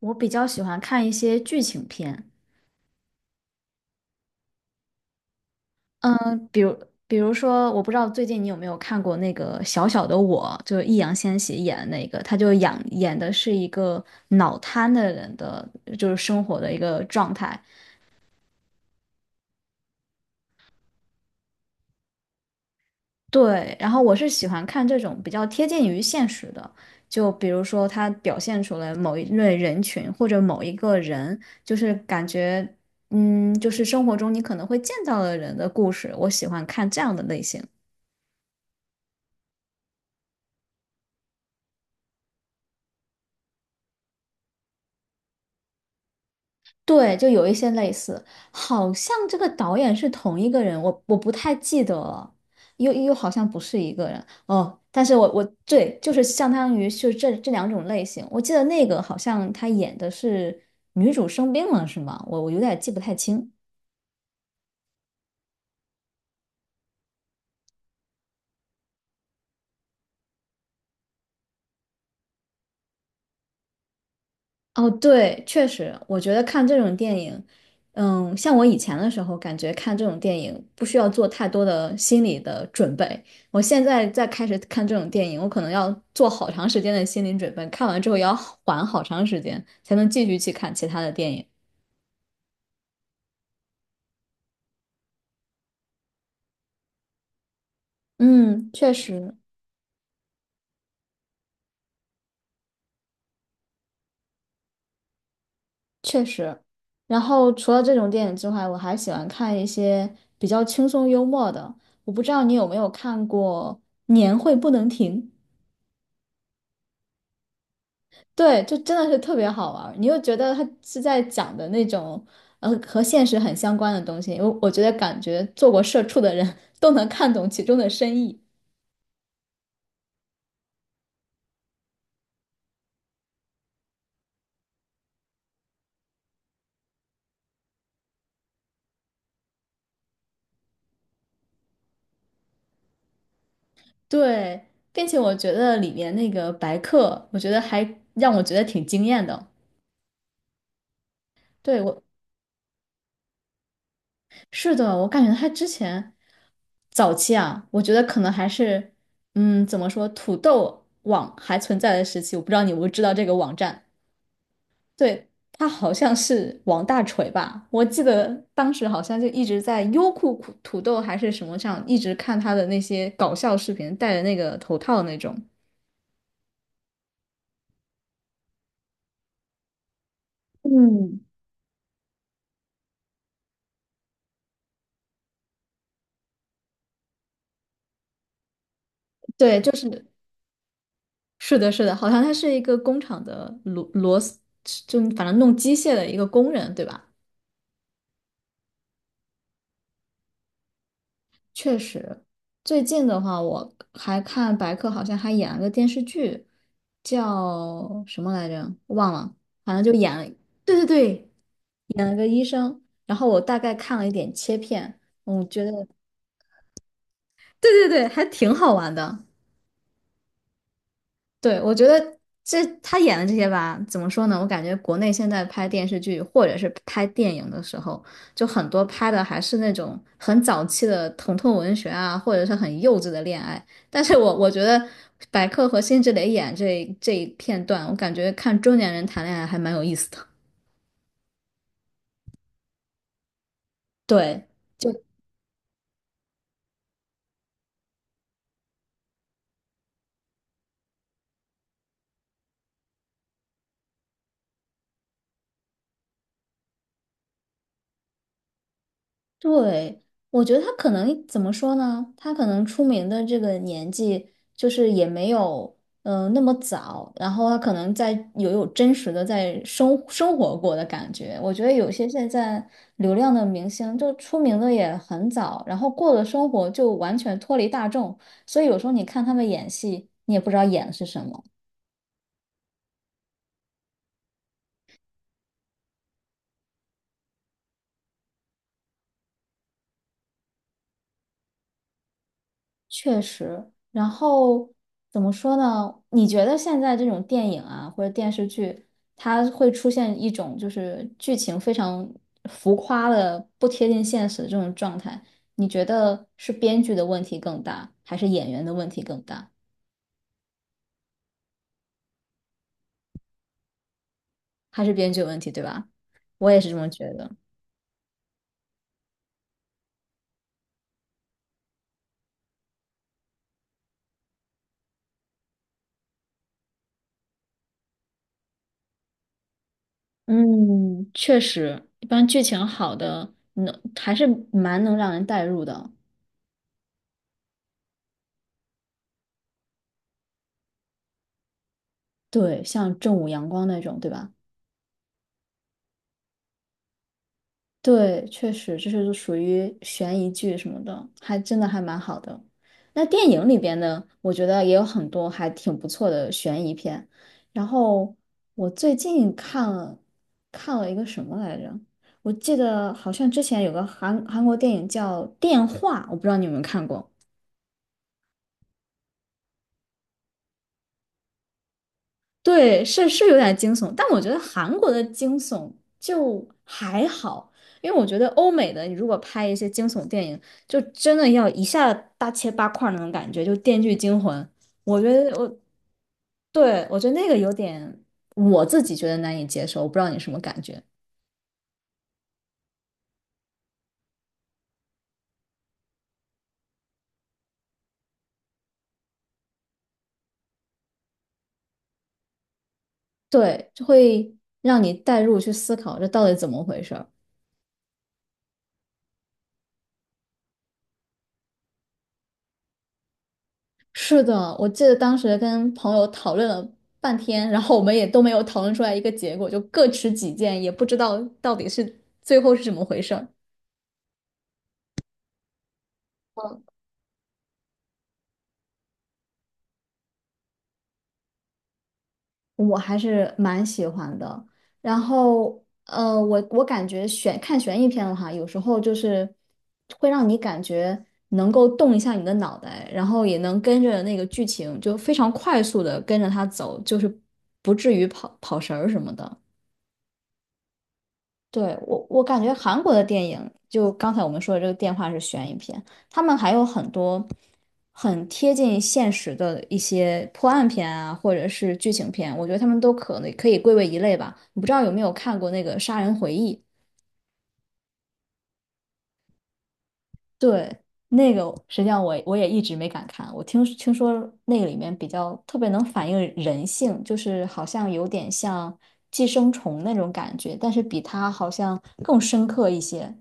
我比较喜欢看一些剧情片。嗯，比如比如说，我不知道最近你有没有看过那个《小小的我》，就是易烊千玺演的那个，他就演的是一个脑瘫的人的，就是生活的一个状态。对，然后我是喜欢看这种比较贴近于现实的，就比如说他表现出来某一类人群或者某一个人，就是感觉，就是生活中你可能会见到的人的故事，我喜欢看这样的类型。对，就有一些类似，好像这个导演是同一个人，我不太记得了，又好像不是一个人哦。但是我对，就是相当于是这两种类型，我记得那个好像他演的是女主生病了，是吗？我有点记不太清。哦，对，确实，我觉得看这种电影，像我以前的时候，感觉看这种电影不需要做太多的心理的准备。我现在再开始看这种电影，我可能要做好长时间的心理准备，看完之后也要缓好长时间，才能继续去看其他的电影。嗯，确实。然后除了这种电影之外，我还喜欢看一些比较轻松幽默的。我不知道你有没有看过《年会不能停》。对，就真的是特别好玩儿你又觉得他是在讲的那种，和现实很相关的东西。我觉得感觉做过社畜的人 都能看懂其中的深意。对，并且我觉得里面那个白客，我觉得还让我觉得挺惊艳的。对，我是的，我感觉他之前早期啊，我觉得可能还是，怎么说，土豆网还存在的时期，我不知道你有没有知道这个网站。对，他好像是王大锤吧？我记得当时好像就一直在优酷土豆还是什么上，一直看他的那些搞笑视频，戴着那个头套那种。嗯，对，就是是的，是的，好像他是一个工厂的螺丝，就反正弄机械的一个工人，对吧？确实，最近的话，我还看白客好像还演了个电视剧，叫什么来着？忘了，反正就演了。对对对，生，然后我大概看了一点切片，我觉得对对对，还挺好玩的。对，我觉得这他演的这些吧，怎么说呢？我感觉国内现在拍电视剧或者是拍电影的时候，就很多拍的还是那种很早期的疼痛文学啊，或者是很幼稚的恋爱。但是我觉得白客和辛芷蕾演这一片段，我感觉看中年人谈恋爱还蛮有意思的。对。就。对，我觉得他可能怎么说呢？他可能出名的这个年纪，就是也没有那么早，然后他可能在有真实的在生活过的感觉。我觉得有些现在流量的明星，就出名的也很早，然后过的生活就完全脱离大众，所以有时候你看他们演戏，你也不知道演的是什么。确实，然后怎么说呢？你觉得现在这种电影啊，或者电视剧，它会出现一种就是剧情非常浮夸的、不贴近现实的这种状态？你觉得是编剧的问题更大，还是演员的问题更大？还是编剧的问题，对吧？我也是这么觉得。嗯，确实，一般剧情好的，能还是蛮能让人代入的。对，像正午阳光那种，对吧？对，确实，这是属于悬疑剧什么的，还真的还蛮好的。那电影里边呢，我觉得也有很多还挺不错的悬疑片。然后我最近看了一个什么来着？我记得好像之前有个韩国电影叫《电话》，我不知道你有没有看过。对，是是有点惊悚，但我觉得韩国的惊悚就还好，因为我觉得欧美的你如果拍一些惊悚电影，就真的要一下大切八块儿那种感觉，就《电锯惊魂》，我觉得我对我觉得那个有点我自己觉得难以接受，我不知道你什么感觉，对，就会让你带入去思考这到底怎么回事儿是的，我记得当时跟朋友讨论了半天，然后我们也都没有讨论出来一个结果，就各持己见，也不知道到底是最后是怎么回事儿。我还是蛮喜欢的。然后，我感觉看悬疑片的话，有时候就是会让你感觉能够动一下你的脑袋，然后也能跟着那个剧情就非常快速的跟着它走，就是不至于跑跑神儿什么的。对，我，我感觉韩国的电影，就刚才我们说的这个电话是悬疑片，他们还有很多很贴近现实的一些破案片啊，或者是剧情片，我觉得他们都可能可以归为一类吧。你不知道有没有看过那个《杀人回忆》？对，那个实际上我也一直没敢看，我听说那个里面比较特别能反映人性，就是好像有点像寄生虫那种感觉，但是比它好像更深刻一些。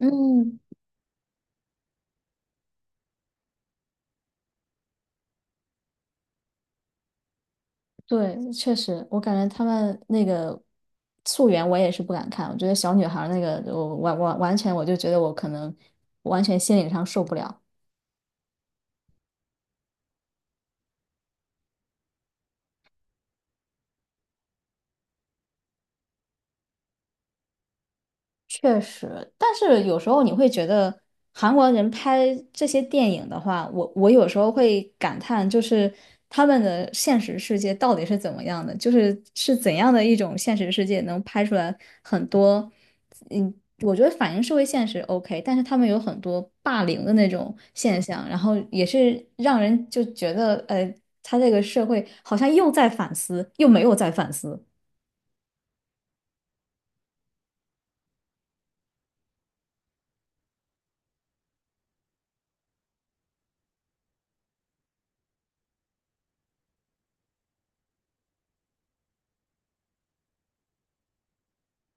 嗯。对，确实，我感觉他们那个溯源我也是不敢看，我觉得小女孩儿那个，我完全我就觉得我可能完全心理上受不了，确实，但是有时候你会觉得韩国人拍这些电影的话，我有时候会感叹，就是他们的现实世界到底是怎么样的，就是是怎样的一种现实世界能拍出来很多，嗯，我觉得反映社会现实 OK,但是他们有很多霸凌的那种现象，然后也是让人就觉得，他这个社会好像又在反思，又没有在反思。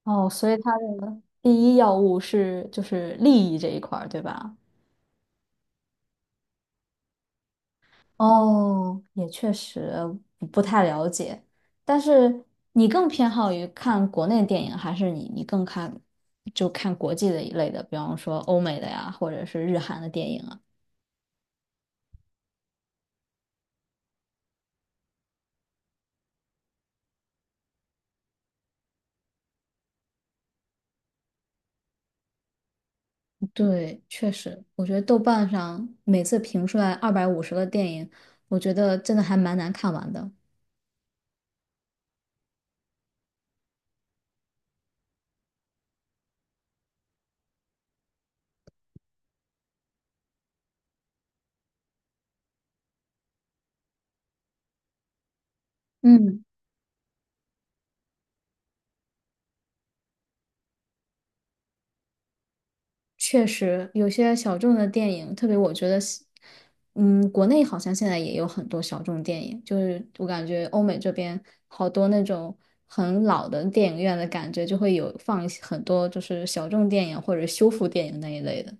哦，所以它的第一要务是就是利益这一块儿，对吧？哦，也确实不不太了解。但是你更偏好于看国内电影，还是你更看就看国际的一类的，比方说欧美的呀，或者是日韩的电影啊？对，确实，我觉得豆瓣上每次评出来250个电影，我觉得真的还蛮难看完的。嗯，确实，有些小众的电影，特别我觉得西嗯，国内好像现在也有很多小众电影，就是我感觉欧美这边好多那种很老的电影院的感觉，就会有放一些很多就是小众电影或者修复电影那一类的。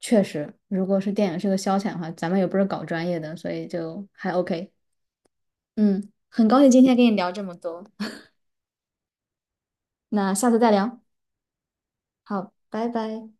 确实，如果是电影是个消遣的话，咱们也不是搞专业的，所以就还 OK。嗯，很高兴今天跟你聊这么多，那下次再聊。好，拜拜。